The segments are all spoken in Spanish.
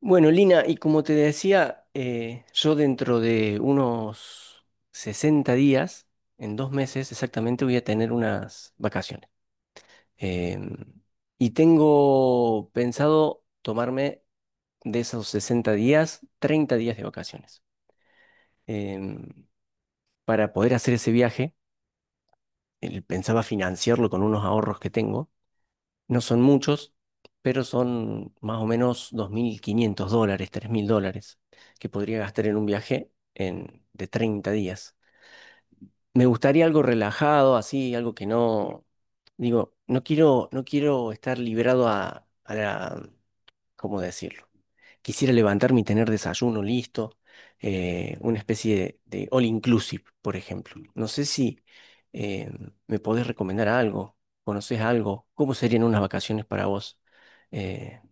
Bueno, Lina, y como te decía, yo dentro de unos 60 días, en 2 meses exactamente, voy a tener unas vacaciones. Em, y tengo pensado tomarme de esos 60 días, 30 días de vacaciones. Em, para poder hacer ese viaje, pensaba financiarlo con unos ahorros que tengo. No son muchos, pero son más o menos $2500, $3000 que podría gastar en un viaje de 30 días. Me gustaría algo relajado, así, algo que no, digo, no quiero estar librado a la, ¿cómo decirlo? Quisiera levantarme y tener desayuno listo, una especie de all inclusive, por ejemplo. No sé si eh, me podés recomendar algo, conoces algo, ¿cómo serían unas vacaciones para vos, eh,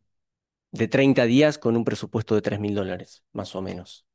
de 30 días con un presupuesto de $3000, más o menos?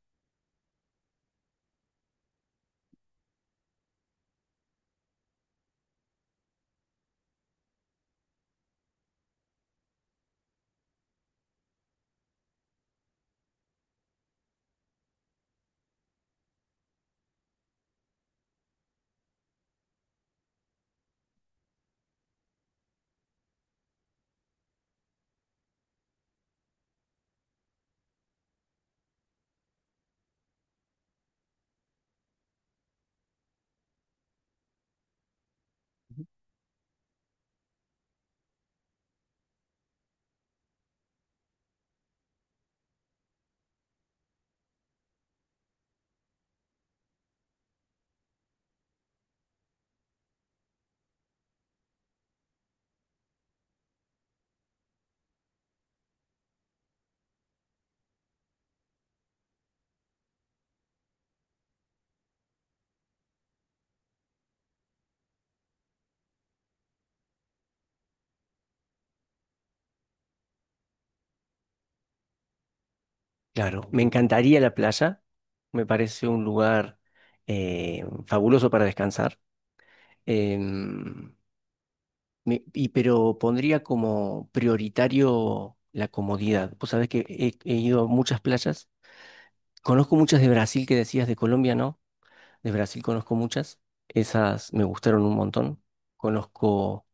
Claro, me encantaría la playa, me parece un lugar fabuloso para descansar. Em, y pero pondría como prioritario la comodidad. Vos sabés que he ido a muchas playas. Conozco muchas de Brasil que decías, de Colombia, ¿no? De Brasil conozco muchas. Esas me gustaron un montón. Conozco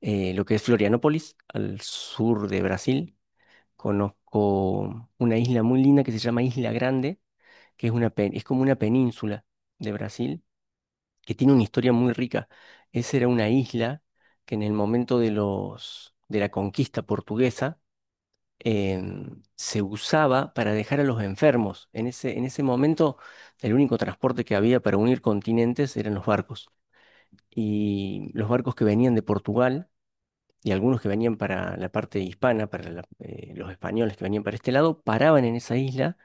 lo que es Florianópolis, al sur de Brasil. Conozco una isla muy linda que se llama Isla Grande, que es una es como una península de Brasil que tiene una historia muy rica. Esa era una isla que en el momento de la conquista portuguesa, se usaba para dejar a los enfermos. En ese momento el único transporte que había para unir continentes eran los barcos. Y los barcos que venían de Portugal y algunos que venían para la parte hispana, los españoles que venían para este lado, paraban en esa isla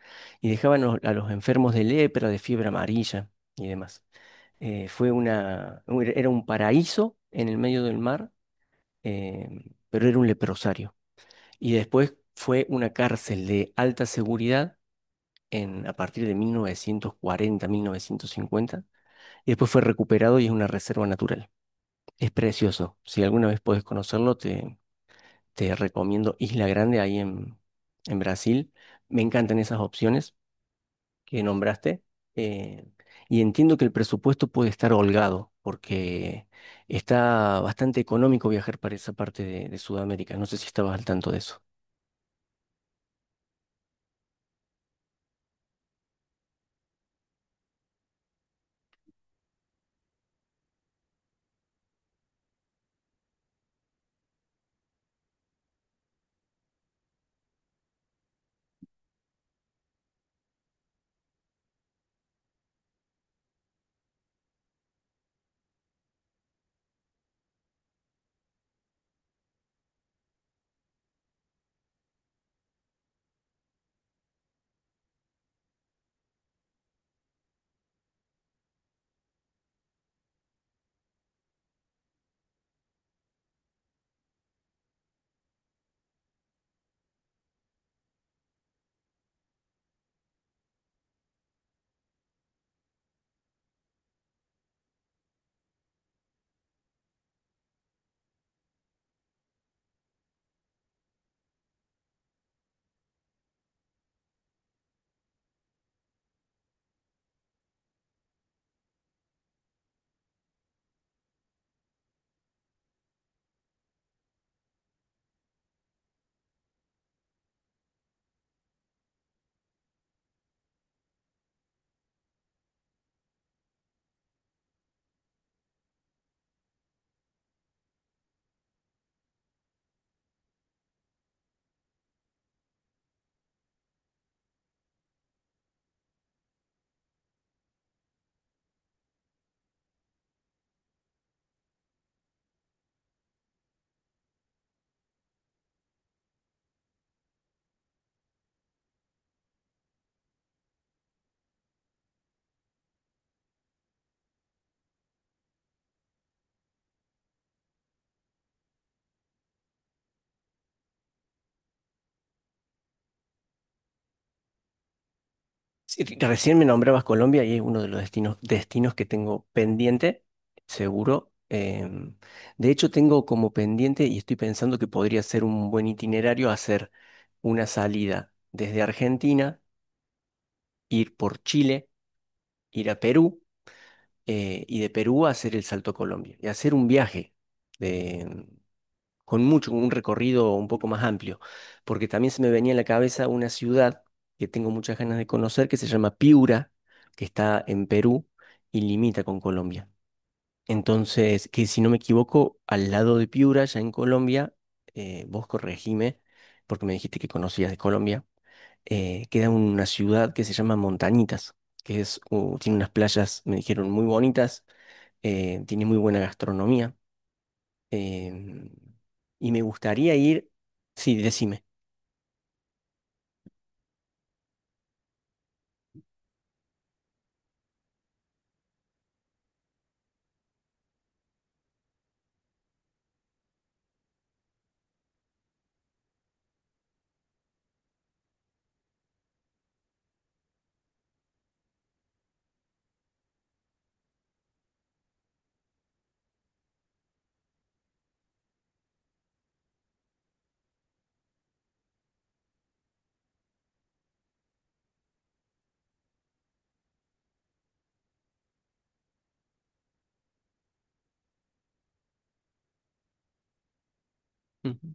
y dejaban a los enfermos de lepra, de fiebre amarilla y demás. Eh, fue una, era un paraíso en el medio del mar, eh, pero era un leprosario. Y después fue una cárcel de alta seguridad a partir de 1940, 1950. Y después fue recuperado y es una reserva natural. Es precioso. Si alguna vez podés conocerlo, te recomiendo Isla Grande en Brasil. Me encantan esas opciones que nombraste. Eh, y entiendo que el presupuesto puede estar holgado, porque está bastante económico viajar para esa parte de Sudamérica. No sé si estabas al tanto de eso. Sí, recién me nombrabas Colombia y es uno de los destinos que tengo pendiente, seguro. De hecho, tengo como pendiente y estoy pensando que podría ser un buen itinerario hacer una salida desde Argentina, ir por Chile, ir a Perú. Y de Perú a hacer el salto a Colombia y hacer un viaje de- con mucho, un recorrido un poco más amplio, porque también se me venía en la cabeza una ciudad que tengo muchas ganas de conocer que se llama Piura, que está en Perú y limita con Colombia. Entonces, que si no me equivoco, al lado de Piura, ya en Colombia, vos corregime, porque me dijiste que conocías de Colombia, queda una ciudad que se llama Montañitas, tiene unas playas, me dijeron, muy bonitas, tiene muy buena gastronomía. em, y me gustaría ir, sí, decime. Ujú.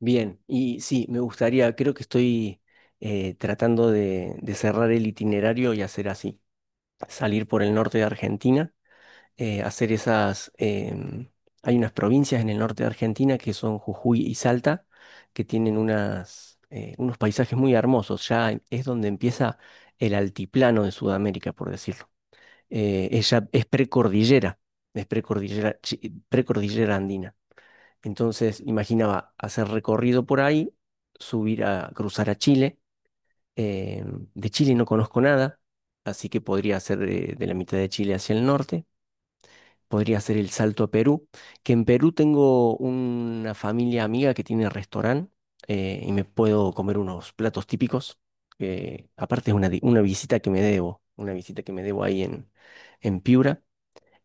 Bien, y sí, me gustaría, creo que estoy tratando de cerrar el itinerario y hacer así, salir por el norte de Argentina, eh, hacer esas, em, hay unas provincias en el norte de Argentina que son Jujuy y Salta, que tienen unas, unos paisajes muy hermosos, ya es donde empieza el altiplano de Sudamérica, por decirlo. Ella es precordillera, precordillera andina. Entonces imaginaba hacer recorrido por ahí, subir a cruzar a Chile. eh, de Chile no conozco nada, así que podría hacer de la mitad de Chile hacia el norte. Podría hacer el salto a Perú, que en Perú tengo una familia amiga que tiene restaurante, y me puedo comer unos platos típicos. Que aparte es una, una visita que me debo, una visita que me debo en Piura.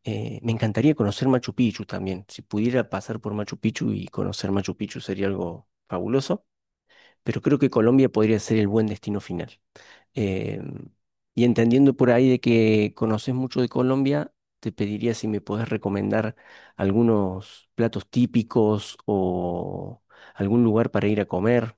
Me encantaría conocer Machu Picchu también. Si pudiera pasar por Machu Picchu y conocer Machu Picchu sería algo fabuloso, pero creo que Colombia podría ser el buen destino final. Eh, y entendiendo por ahí de que conoces mucho de Colombia, te pediría si me podés recomendar algunos platos típicos o algún lugar para ir a comer.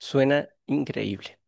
Suena increíble.